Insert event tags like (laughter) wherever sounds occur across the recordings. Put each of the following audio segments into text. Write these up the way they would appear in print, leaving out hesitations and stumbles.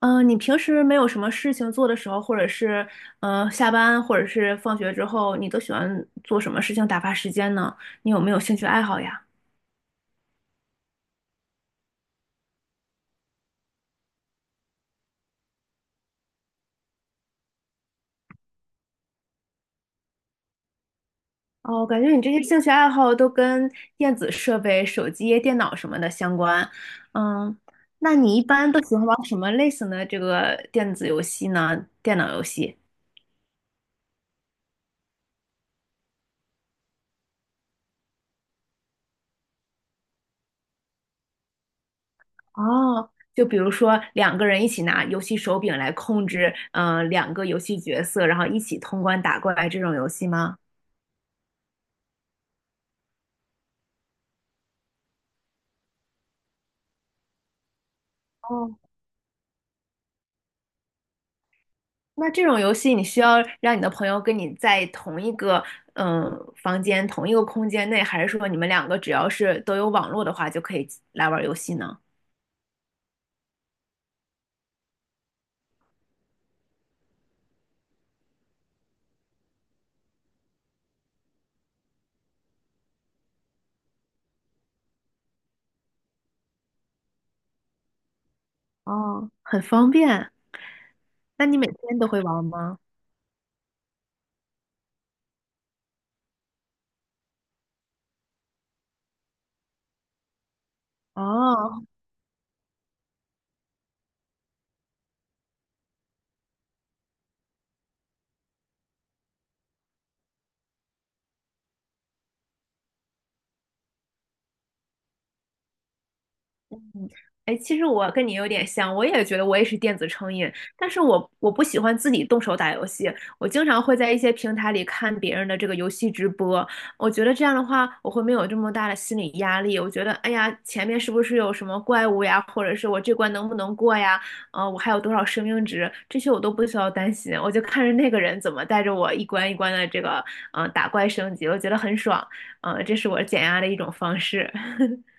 你平时没有什么事情做的时候，或者是下班，或者是放学之后，你都喜欢做什么事情打发时间呢？你有没有兴趣爱好呀？哦，感觉你这些兴趣爱好都跟电子设备、手机、电脑什么的相关。嗯，那你一般都喜欢玩什么类型的这个电子游戏呢？电脑游戏？哦，就比如说两个人一起拿游戏手柄来控制，两个游戏角色，然后一起通关打怪这种游戏吗？哦。那这种游戏，你需要让你的朋友跟你在同一个嗯房间、同一个空间内，还是说你们两个只要是都有网络的话，就可以来玩游戏呢？哦，很方便。那你每天都会玩吗？哦，嗯，哎，其实我跟你有点像，我也觉得我也是电子成瘾，但是我不喜欢自己动手打游戏，我经常会在一些平台里看别人的这个游戏直播，我觉得这样的话，我会没有这么大的心理压力，我觉得，哎呀，前面是不是有什么怪物呀，或者是我这关能不能过呀？我还有多少生命值，这些我都不需要担心，我就看着那个人怎么带着我一关一关的这个，打怪升级，我觉得很爽，这是我减压的一种方式。(laughs)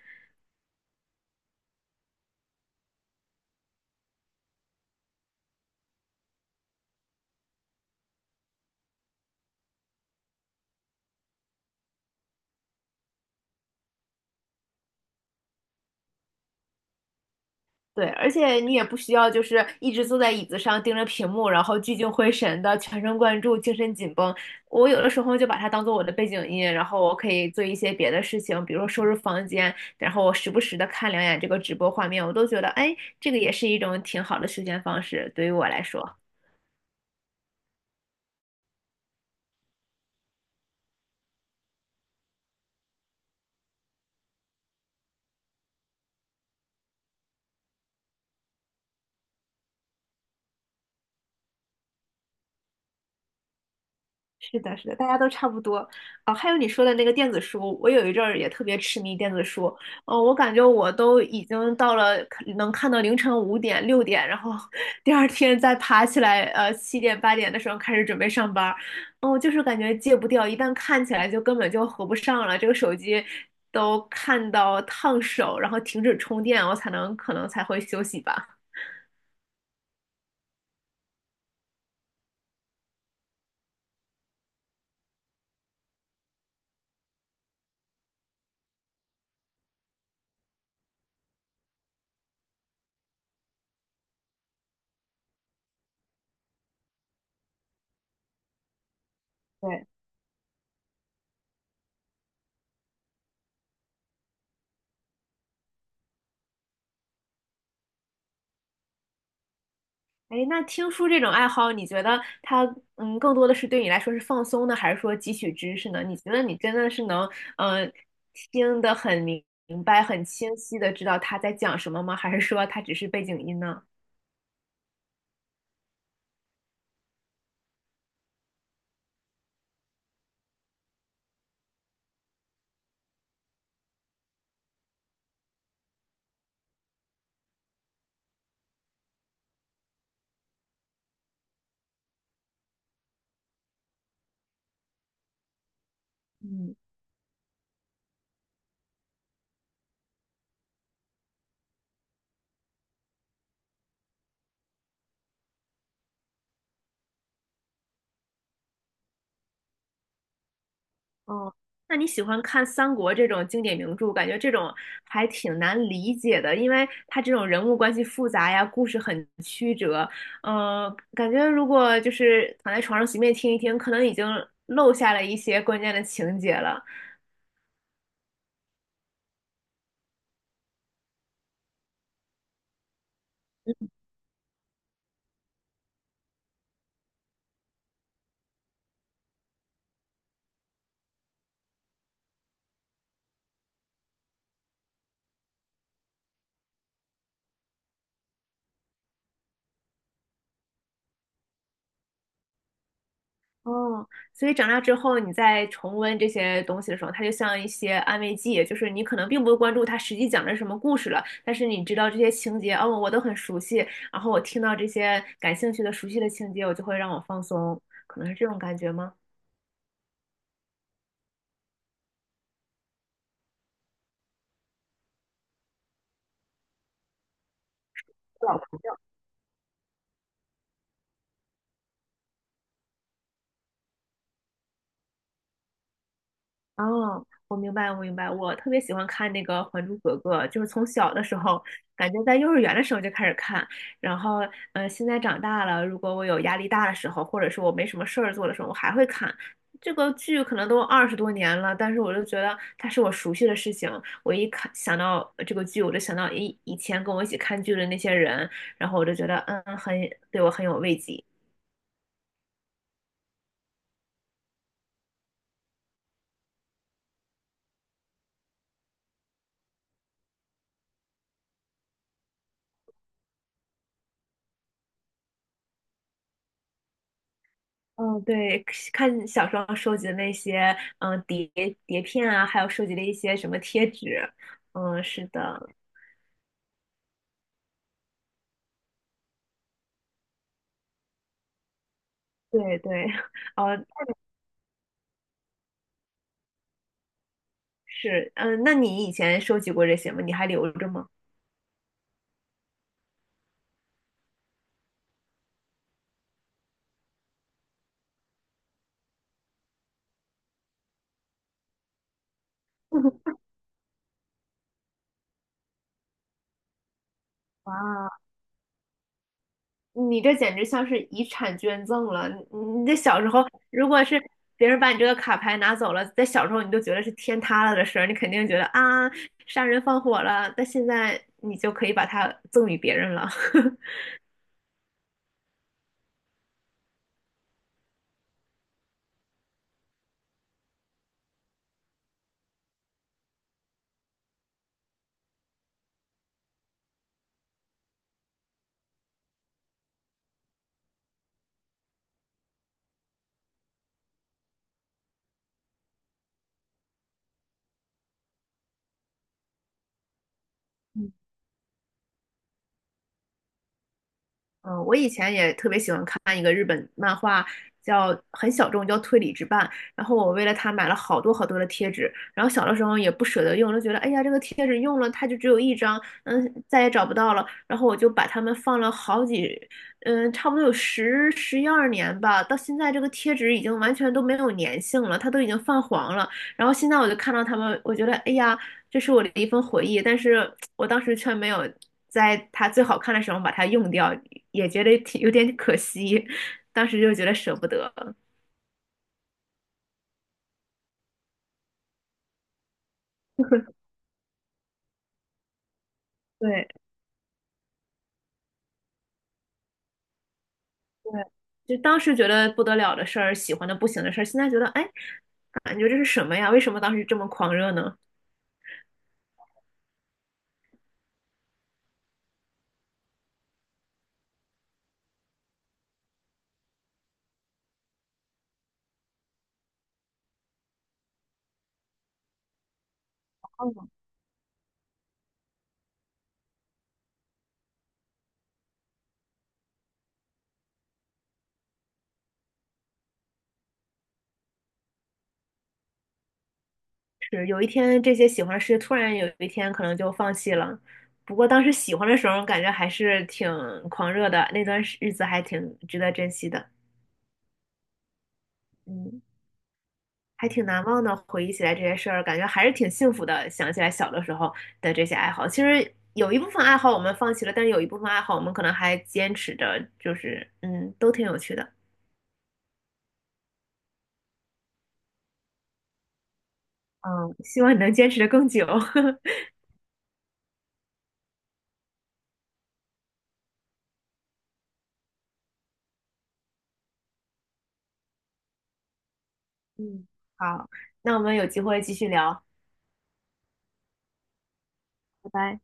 对，而且你也不需要就是一直坐在椅子上盯着屏幕，然后聚精会神的全神贯注、精神紧绷。我有的时候就把它当做我的背景音，然后我可以做一些别的事情，比如说收拾房间，然后我时不时的看两眼这个直播画面，我都觉得，哎，这个也是一种挺好的休闲方式，对于我来说。是的，是的，大家都差不多。哦，还有你说的那个电子书，我有一阵儿也特别痴迷电子书。哦，我感觉我都已经到了可能看到凌晨5点、6点，然后 (laughs) 第二天再爬起来，7点、8点的时候开始准备上班儿。哦，就是感觉戒不掉，一旦看起来就根本就合不上了。这个手机都看到烫手，然后停止充电，我才能可能才会休息吧。对。哎，那听书这种爱好，你觉得它更多的是对你来说是放松呢，还是说汲取知识呢？你觉得你真的是能嗯、呃听得很明明白、很清晰的知道他在讲什么吗？还是说它只是背景音呢？嗯，哦，那你喜欢看三国这种经典名著，感觉这种还挺难理解的，因为它这种人物关系复杂呀，故事很曲折，感觉如果就是躺在床上随便听一听，可能已经漏下了一些关键的情节了。哦，所以长大之后，你在重温这些东西的时候，它就像一些安慰剂，就是你可能并不关注它实际讲的是什么故事了，但是你知道这些情节，哦，我都很熟悉，然后我听到这些感兴趣的、熟悉的情节，我就会让我放松，可能是这种感觉吗？哦，我明白，我明白。我特别喜欢看那个《还珠格格》，就是从小的时候，感觉在幼儿园的时候就开始看，然后，现在长大了，如果我有压力大的时候，或者是我没什么事儿做的时候，我还会看。这个剧可能都20多年了，但是我就觉得它是我熟悉的事情。我一看想到这个剧，我就想到以前跟我一起看剧的那些人，然后我就觉得，对我很有慰藉。嗯，对，看小时候收集的那些，嗯，碟片啊，还有收集的一些什么贴纸，嗯，是的，对对，(laughs) 哦，是，嗯，那你以前收集过这些吗？你还留着吗？(laughs) 哇，你这简直像是遗产捐赠了！你这小时候，如果是别人把你这个卡牌拿走了，在小时候你都觉得是天塌了的事儿，你肯定觉得啊，杀人放火了。但现在你就可以把它赠与别人了。(laughs) 我以前也特别喜欢看一个日本漫画，叫很小众，叫《推理之绊》。然后我为了它买了好多好多的贴纸，然后小的时候也不舍得用，就觉得哎呀，这个贴纸用了它就只有一张，再也找不到了。然后我就把它们放了好几，差不多有十一二年吧。到现在这个贴纸已经完全都没有粘性了，它都已经泛黄了。然后现在我就看到它们，我觉得哎呀。这是我的一份回忆，但是我当时却没有在它最好看的时候把它用掉，也觉得挺有点可惜，当时就觉得舍不得。对对，就当时觉得不得了的事儿，喜欢的不行的事儿，现在觉得，哎，感觉这是什么呀？为什么当时这么狂热呢？是有一天这些喜欢的事突然有一天可能就放弃了。不过当时喜欢的时候，感觉还是挺狂热的，那段日子还挺值得珍惜的。嗯。还挺难忘的。回忆起来这些事儿，感觉还是挺幸福的。想起来小的时候的这些爱好，其实有一部分爱好我们放弃了，但是有一部分爱好我们可能还坚持着，就是都挺有趣的。嗯，希望你能坚持的更久。(laughs) 嗯，好，那我们有机会继续聊，拜拜。